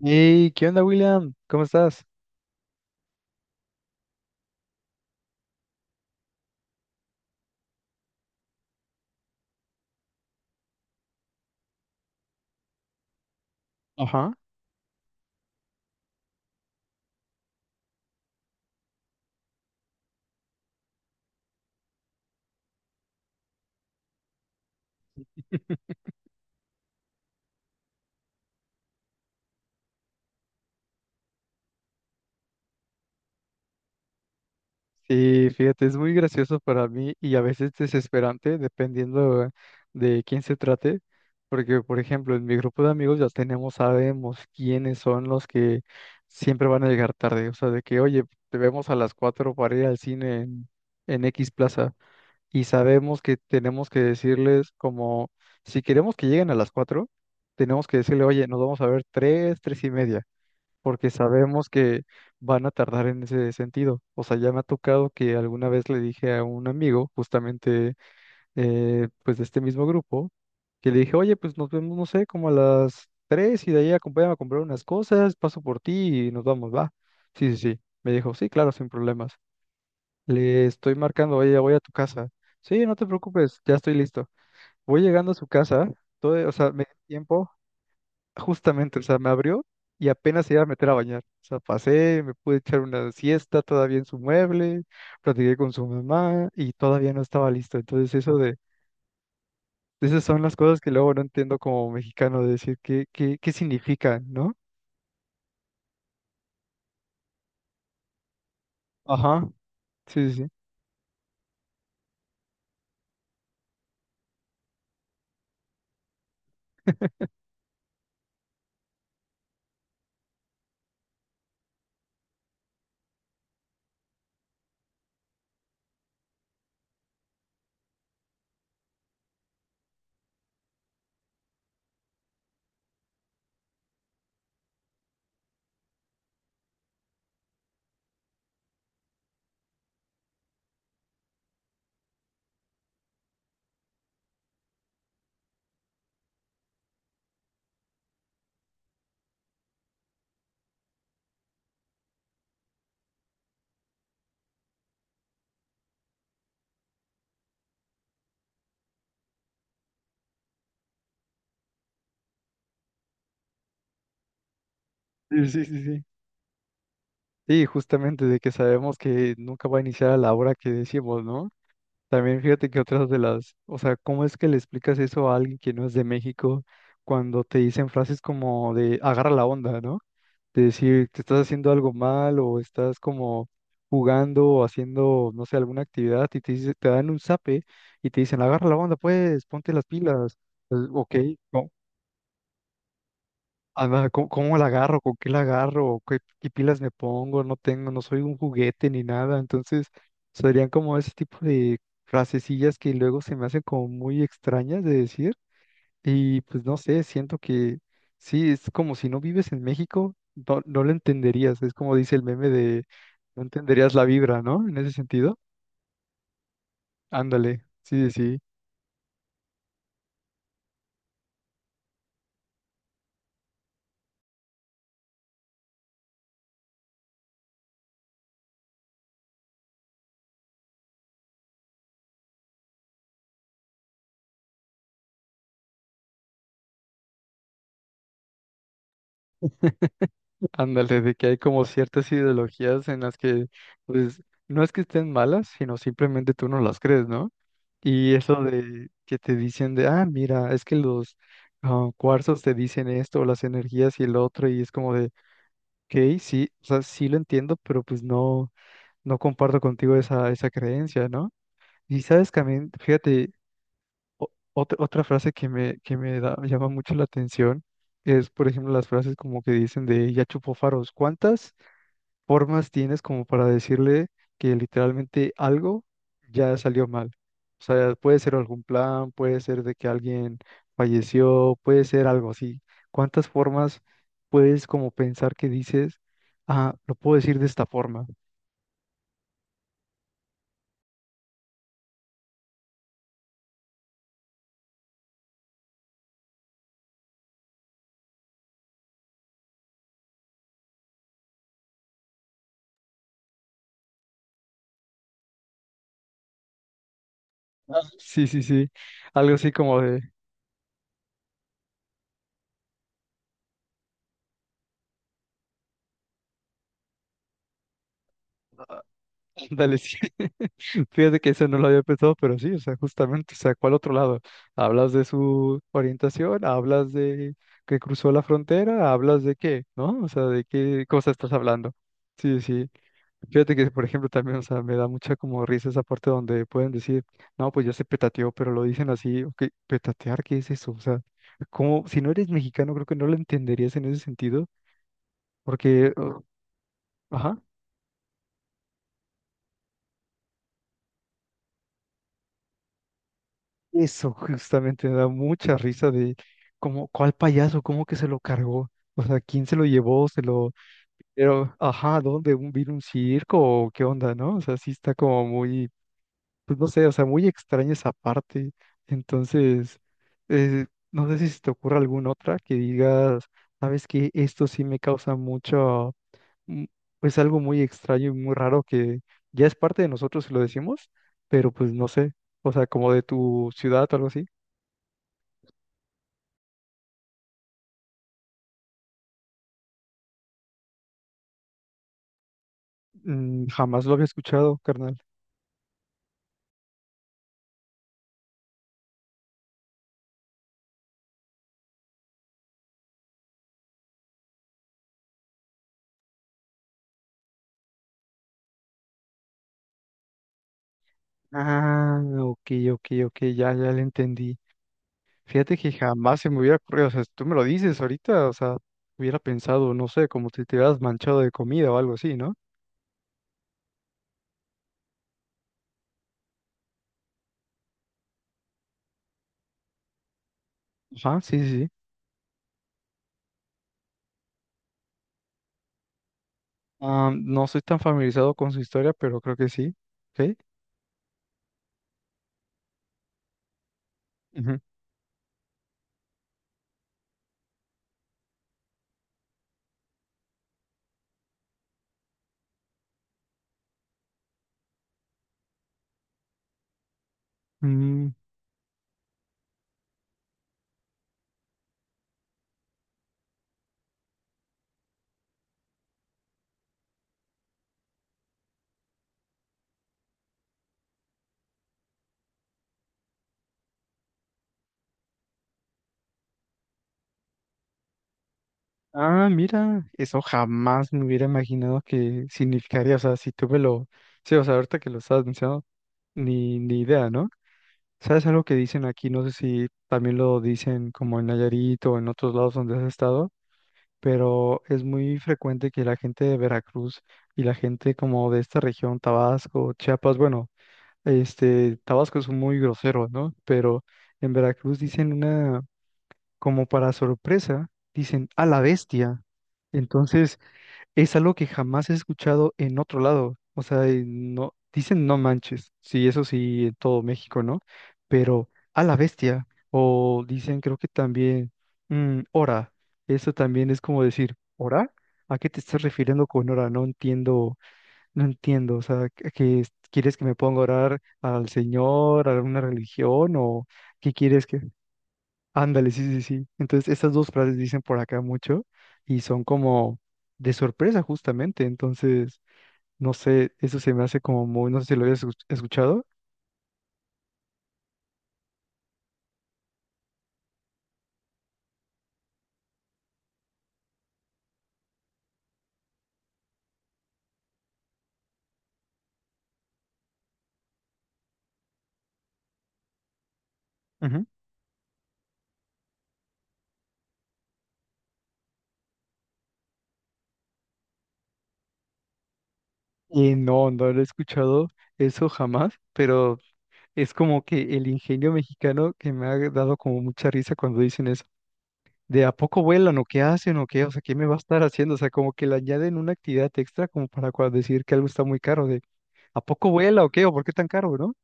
Hey, ¿qué onda, William? ¿Cómo estás? Ajá. Sí, fíjate, es muy gracioso para mí y a veces desesperante, dependiendo de quién se trate, porque, por ejemplo, en mi grupo de amigos ya tenemos, sabemos quiénes son los que siempre van a llegar tarde, o sea, de que, oye, te vemos a las 4 para ir al cine en X Plaza y sabemos que tenemos que decirles como, si queremos que lleguen a las 4, tenemos que decirle, oye, nos vamos a ver 3, 3 y media, porque sabemos que van a tardar en ese sentido. O sea, ya me ha tocado que alguna vez le dije a un amigo, justamente pues de este mismo grupo, que le dije, oye, pues nos vemos, no sé, como a las 3 y de ahí acompáñame a comprar unas cosas, paso por ti y nos vamos, va. Sí, sí, sí. Me dijo, sí, claro, sin problemas. Le estoy marcando, oye, ya voy a tu casa. Sí, no te preocupes, ya estoy listo. Voy llegando a su casa, todo, o sea, me dio tiempo. Justamente, o sea, me abrió y apenas se iba a meter a bañar. O sea, pasé, me pude echar una siesta todavía en su mueble, platiqué con su mamá y todavía no estaba listo. Entonces, eso de, esas son las cosas que luego no entiendo como mexicano, de decir qué, qué, qué significan, ¿no? Ajá, sí, sí, sí, sí, sí, sí, sí. Y justamente de que sabemos que nunca va a iniciar a la hora que decimos, ¿no? También fíjate que otras de las, o sea, ¿cómo es que le explicas eso a alguien que no es de México cuando te dicen frases como de agarra la onda, ¿no?, de decir te estás haciendo algo mal o estás como jugando o haciendo, no sé, alguna actividad y te dan un zape y te dicen, agarra la onda, pues, ponte las pilas. Pues, ok, ¿cómo? Ajá, cómo la agarro? ¿Con qué la agarro? ¿Qué, qué pilas me pongo? No tengo, no soy un juguete ni nada. Entonces, serían como ese tipo de frasecillas que luego se me hacen como muy extrañas de decir y pues no sé, siento que sí, es como si no vives en México, no, no lo entenderías. Es como dice el meme de no entenderías la vibra, ¿no? En ese sentido. Ándale, sí, sí, ándale, de que hay como ciertas ideologías en las que, pues, no es que estén malas, sino simplemente tú no las crees, ¿no? Y eso de que te dicen de, ah, mira, es que los, ah, cuarzos te dicen esto, las energías y el otro, y es como de ok, sí, o sea, sí lo entiendo, pero pues no. No comparto contigo esa, esa creencia, ¿no? Y sabes también, fíjate, o- otra, otra frase que llama mucho la atención es, por ejemplo, las frases como que dicen de ya chupó faros. ¿Cuántas formas tienes como para decirle que literalmente algo ya salió mal? O sea, puede ser algún plan, puede ser de que alguien falleció, puede ser algo así. ¿Cuántas formas puedes como pensar que dices, ah, lo puedo decir de esta forma? Ah, sí, sí, sí. Algo así como de, ah, ándale, sí. Fíjate que eso no lo había pensado, pero sí, o sea, justamente, o sea, ¿cuál otro lado? Hablas de su orientación, hablas de que cruzó la frontera, hablas de qué, ¿no? O sea, ¿de qué cosa estás hablando? Sí, sí. Fíjate que, por ejemplo, también, o sea, me da mucha como risa esa parte donde pueden decir, no, pues ya se petateó, pero lo dicen así, ok, petatear, ¿qué es eso? O sea, como, si no eres mexicano, creo que no lo entenderías en ese sentido, porque, o- ajá. Eso justamente me da mucha risa de cómo, ¿cuál payaso? ¿Cómo que se lo cargó? O sea, ¿quién se lo llevó? Se lo, pero, ajá, ¿dónde? ¿Un vino un circo? ¿O qué onda, no? O sea, sí está como muy, pues no sé, o sea, muy extraña esa parte. Entonces, eh, no sé si se te ocurre alguna otra que digas, sabes que esto sí me causa mucho, mm, pues algo muy extraño y muy raro que ya es parte de nosotros si lo decimos, pero pues no sé, o sea, como de tu ciudad o algo así. Mm, jamás lo había escuchado, carnal. Ah, ok, ok, ok, ya, ya le entendí. Fíjate que jamás se me hubiera ocurrido, o sea, si tú me lo dices ahorita, o sea, hubiera pensado, no sé, como si te hubieras manchado de comida o algo así, ¿no? Ajá, sí, sí, sí. Ah, no soy tan familiarizado con su historia, pero creo que sí. ¿Sí? Ujú. Mm, ah, mira, eso jamás me hubiera imaginado que significaría, o sea, si tú me lo, sí, o sea, ahorita que lo estás mencionando, ni, ni idea, ¿no? ¿Sabes algo que dicen aquí? No sé si también lo dicen como en Nayarit o en otros lados donde has estado, pero es muy frecuente que la gente de Veracruz y la gente como de esta región, Tabasco, Chiapas, bueno, este, Tabasco es muy grosero, ¿no? Pero en Veracruz dicen una, como para sorpresa, dicen a la bestia. Entonces, es algo que jamás he escuchado en otro lado. O sea, no, dicen no manches, sí, eso sí, en todo México, ¿no? Pero a la bestia, o dicen creo que también, mm, hora, eso también es como decir, ¿hora? ¿A qué te estás refiriendo con hora? No entiendo, no entiendo, o sea, ¿qué quieres que me ponga a orar al Señor, a alguna religión, o qué quieres que... Ándale, sí, sí, sí. Entonces, estas dos frases dicen por acá mucho y son como de sorpresa justamente. Entonces, no sé, eso se me hace como muy, no sé si lo habías escuchado. Ujú. Y no, no lo he escuchado eso jamás, pero es como que el ingenio mexicano que me ha dado como mucha risa cuando dicen eso. ¿De a poco vuelan o qué hacen o qué? O sea, ¿qué me va a estar haciendo? O sea, como que le añaden una actividad extra como para decir que algo está muy caro. De ¿a poco vuela o qué? ¿O por qué tan caro, no?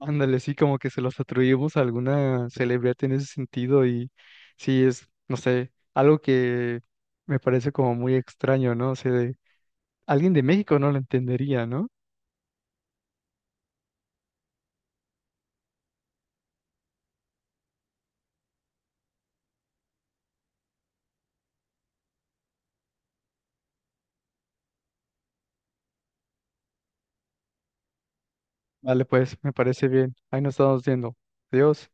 Ándale, sí, como que se los atribuimos a alguna celebridad en ese sentido y sí es, no sé, algo que me parece como muy extraño, ¿no? O sea, alguien de México no lo entendería, ¿no? Vale, pues me parece bien. Ahí nos estamos viendo. Adiós.